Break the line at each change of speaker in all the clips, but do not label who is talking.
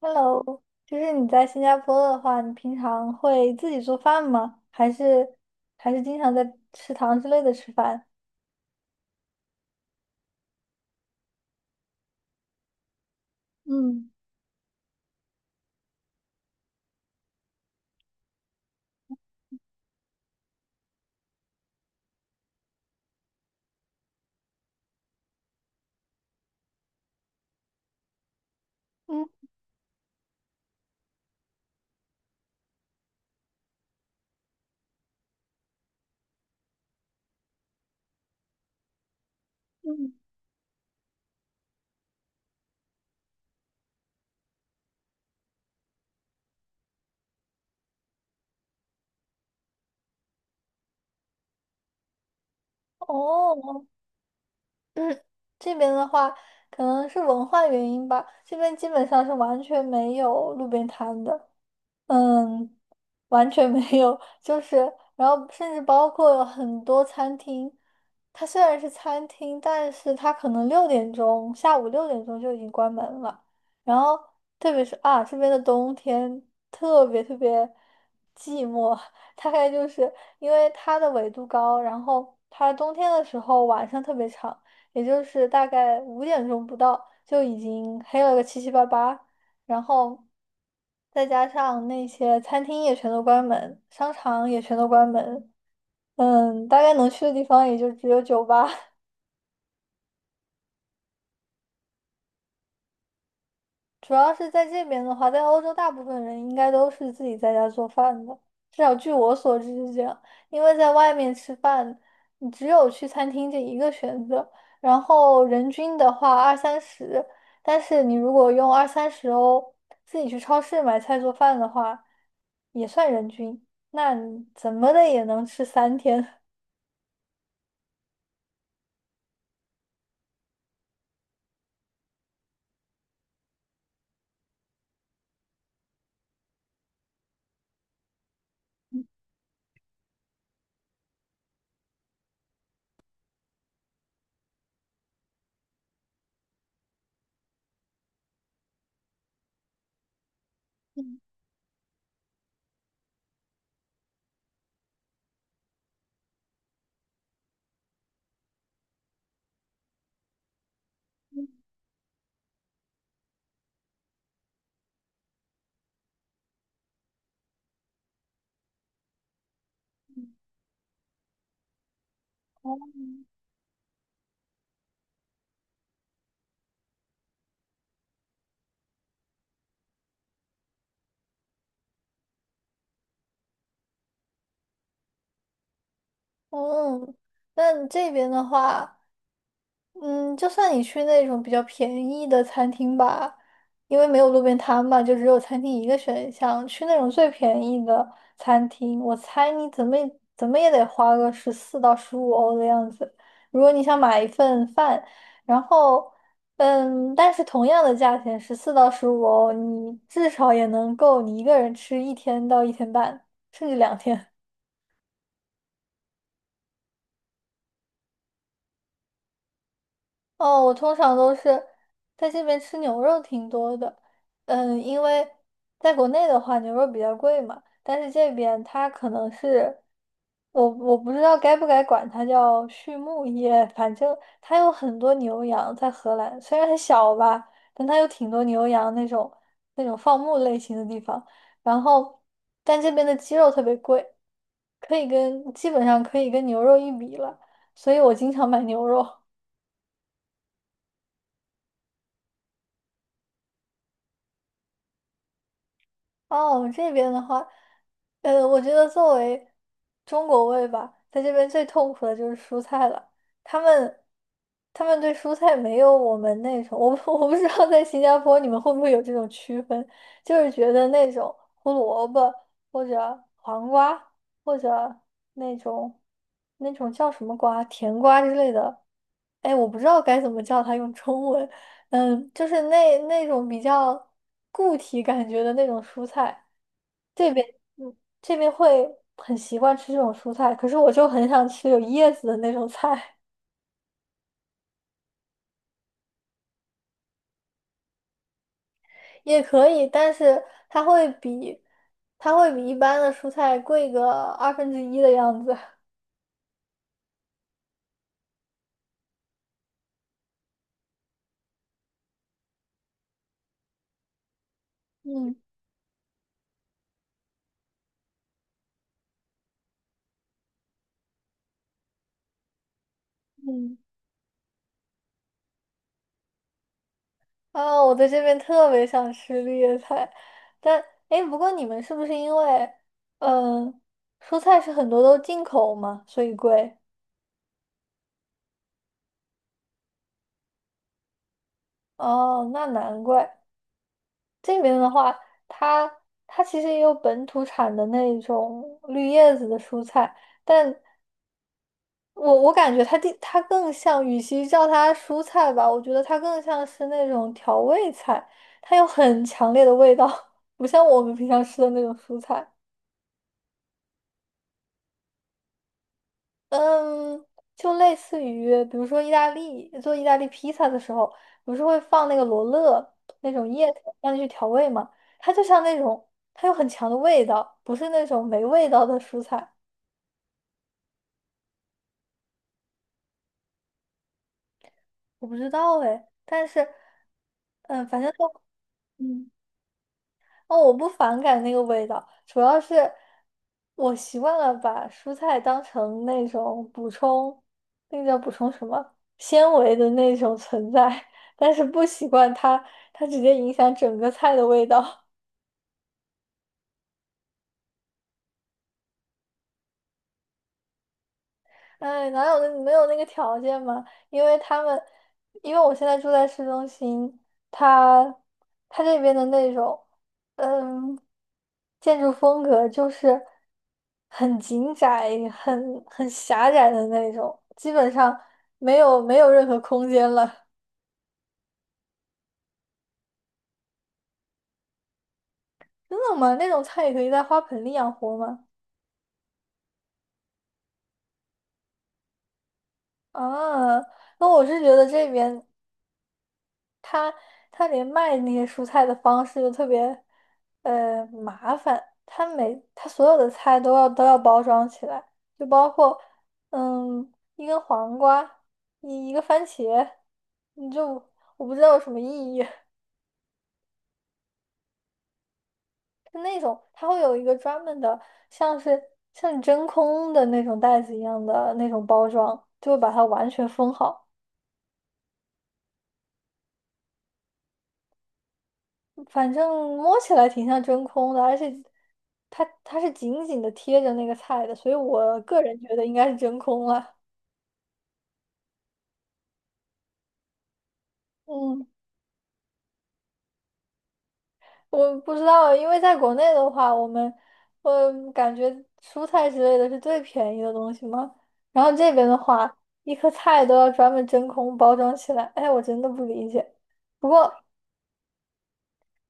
Hello，就是你在新加坡的话，你平常会自己做饭吗？还是经常在食堂之类的吃饭？嗯嗯嗯，哦，这边的话，可能是文化原因吧，这边基本上是完全没有路边摊的。嗯，完全没有，就是，然后甚至包括很多餐厅，它虽然是餐厅，但是它可能六点钟，下午6点钟就已经关门了。然后，特别是啊，这边的冬天特别特别寂寞，大概就是因为它的纬度高，然后它冬天的时候晚上特别长，也就是大概5点钟不到就已经黑了个七七八八，然后再加上那些餐厅也全都关门，商场也全都关门，嗯，大概能去的地方也就只有酒吧。主要是在这边的话，在欧洲大部分人应该都是自己在家做饭的，至少据我所知是这样。因为在外面吃饭，你只有去餐厅这一个选择，然后人均的话二三十，但是你如果用二三十欧自己去超市买菜做饭的话，也算人均，那你怎么的也能吃3天。嗯，哦 嗯，那这边的话。嗯，就算你去那种比较便宜的餐厅吧，因为没有路边摊嘛，就只有餐厅一个选项。去那种最便宜的餐厅，我猜你怎么也得花个十四到十五欧的样子。如果你想买一份饭，然后，嗯，但是同样的价钱，十四到十五欧，你至少也能够你一个人吃一天到一天半，甚至2天。哦，我通常都是在这边吃牛肉挺多的，嗯，因为在国内的话牛肉比较贵嘛，但是这边它可能是，我不知道该不该管它叫畜牧业，反正它有很多牛羊在荷兰，虽然很小吧，但它有挺多牛羊那种放牧类型的地方，然后但这边的鸡肉特别贵，可以跟基本上可以跟牛肉一比了，所以我经常买牛肉。哦，我们这边的话，我觉得作为中国胃吧，在这边最痛苦的就是蔬菜了。他们他们对蔬菜没有我们那种，我不 我不知道在新加坡你们会不会有这种区分，就是觉得那种胡萝卜或者黄瓜或者那种叫什么瓜，甜瓜之类的，哎，我不知道该怎么叫它用中文，嗯，就是那种比较固体感觉的那种蔬菜，这边嗯这边会很习惯吃这种蔬菜，可是我就很想吃有叶子的那种菜，也可以，但是它会比它会比一般的蔬菜贵个二分之一的样子。嗯嗯，啊，我在这边特别想吃绿叶菜，但哎，诶不过你们是不是因为嗯蔬菜是很多都进口嘛，所以贵？哦，那难怪。这边的话，它它其实也有本土产的那种绿叶子的蔬菜，但我感觉它更像，与其叫它蔬菜吧，我觉得它更像是那种调味菜，它有很强烈的味道，不像我们平常吃的那种蔬菜。嗯，就类似于，比如说意大利做意大利披萨的时候，不是会放那个罗勒那种叶子让你去调味嘛？它就像那种，它有很强的味道，不是那种没味道的蔬菜。我不知道哎，但是，嗯，反正就，嗯。哦，我不反感那个味道，主要是我习惯了把蔬菜当成那种补充，那个叫补充什么纤维的那种存在，但是不习惯它，它直接影响整个菜的味道。哎，哪有那没有那个条件嘛？因为他们，因为我现在住在市中心，他，他这边的那种，嗯，建筑风格就是很紧窄、很狭窄的那种，基本上没有任何空间了。真的吗？那种菜也可以在花盆里养活吗？啊，那我是觉得这边。他他连卖那些蔬菜的方式都特别麻烦，他所有的菜都要包装起来，就包括一根黄瓜，一个番茄，你就我不知道有什么意义。就那种它会有一个专门的，像是像真空的那种袋子一样的那种包装，就会把它完全封好。反正摸起来挺像真空的，而且它是紧紧的贴着那个菜的，所以我个人觉得应该是真空了。嗯，我不知道，因为在国内的话，我感觉蔬菜之类的是最便宜的东西嘛，然后这边的话，一颗菜都要专门真空包装起来，哎，我真的不理解。不过。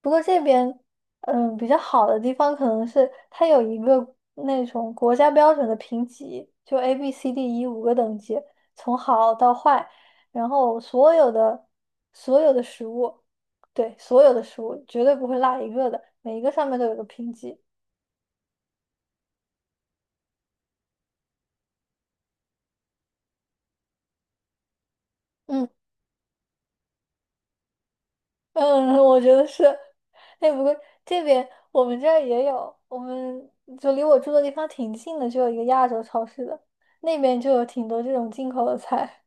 不过这边，嗯，比较好的地方可能是它有一个那种国家标准的评级，就 A、B、C、D、E 五个等级，从好到坏，然后所有的食物，对，所有的食物绝对不会落一个的，每一个上面都有个评级。嗯嗯，我觉得是。哎，不过这边我们这儿也有，我们就离我住的地方挺近的，就有一个亚洲超市的，那边就有挺多这种进口的菜。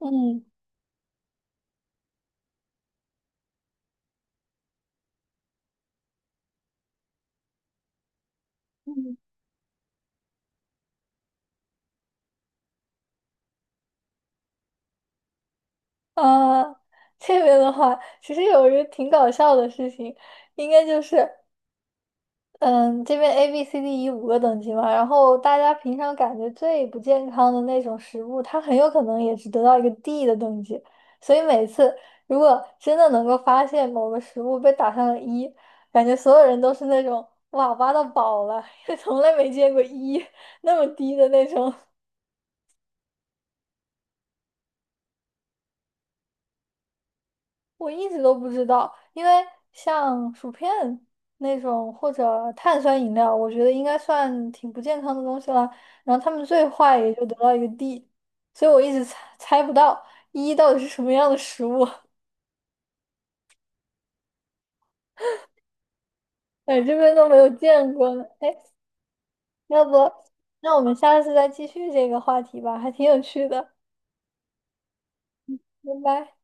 嗯。嗯啊，这边的话，其实有一个挺搞笑的事情，应该就是，嗯，这边 A、B、C、D、E 五个等级嘛，然后大家平常感觉最不健康的那种食物，它很有可能也是得到一个 D 的等级，所以每次如果真的能够发现某个食物被打上了一，感觉所有人都是那种哇挖到宝了，从来没见过一那么低的那种。我一直都不知道，因为像薯片那种或者碳酸饮料，我觉得应该算挺不健康的东西了。然后他们最坏也就得到一个 D，所以我一直猜不到一到底是什么样的食物，哎，这边都没有见过呢。哎，要不那我们下次再继续这个话题吧，还挺有趣的。拜拜。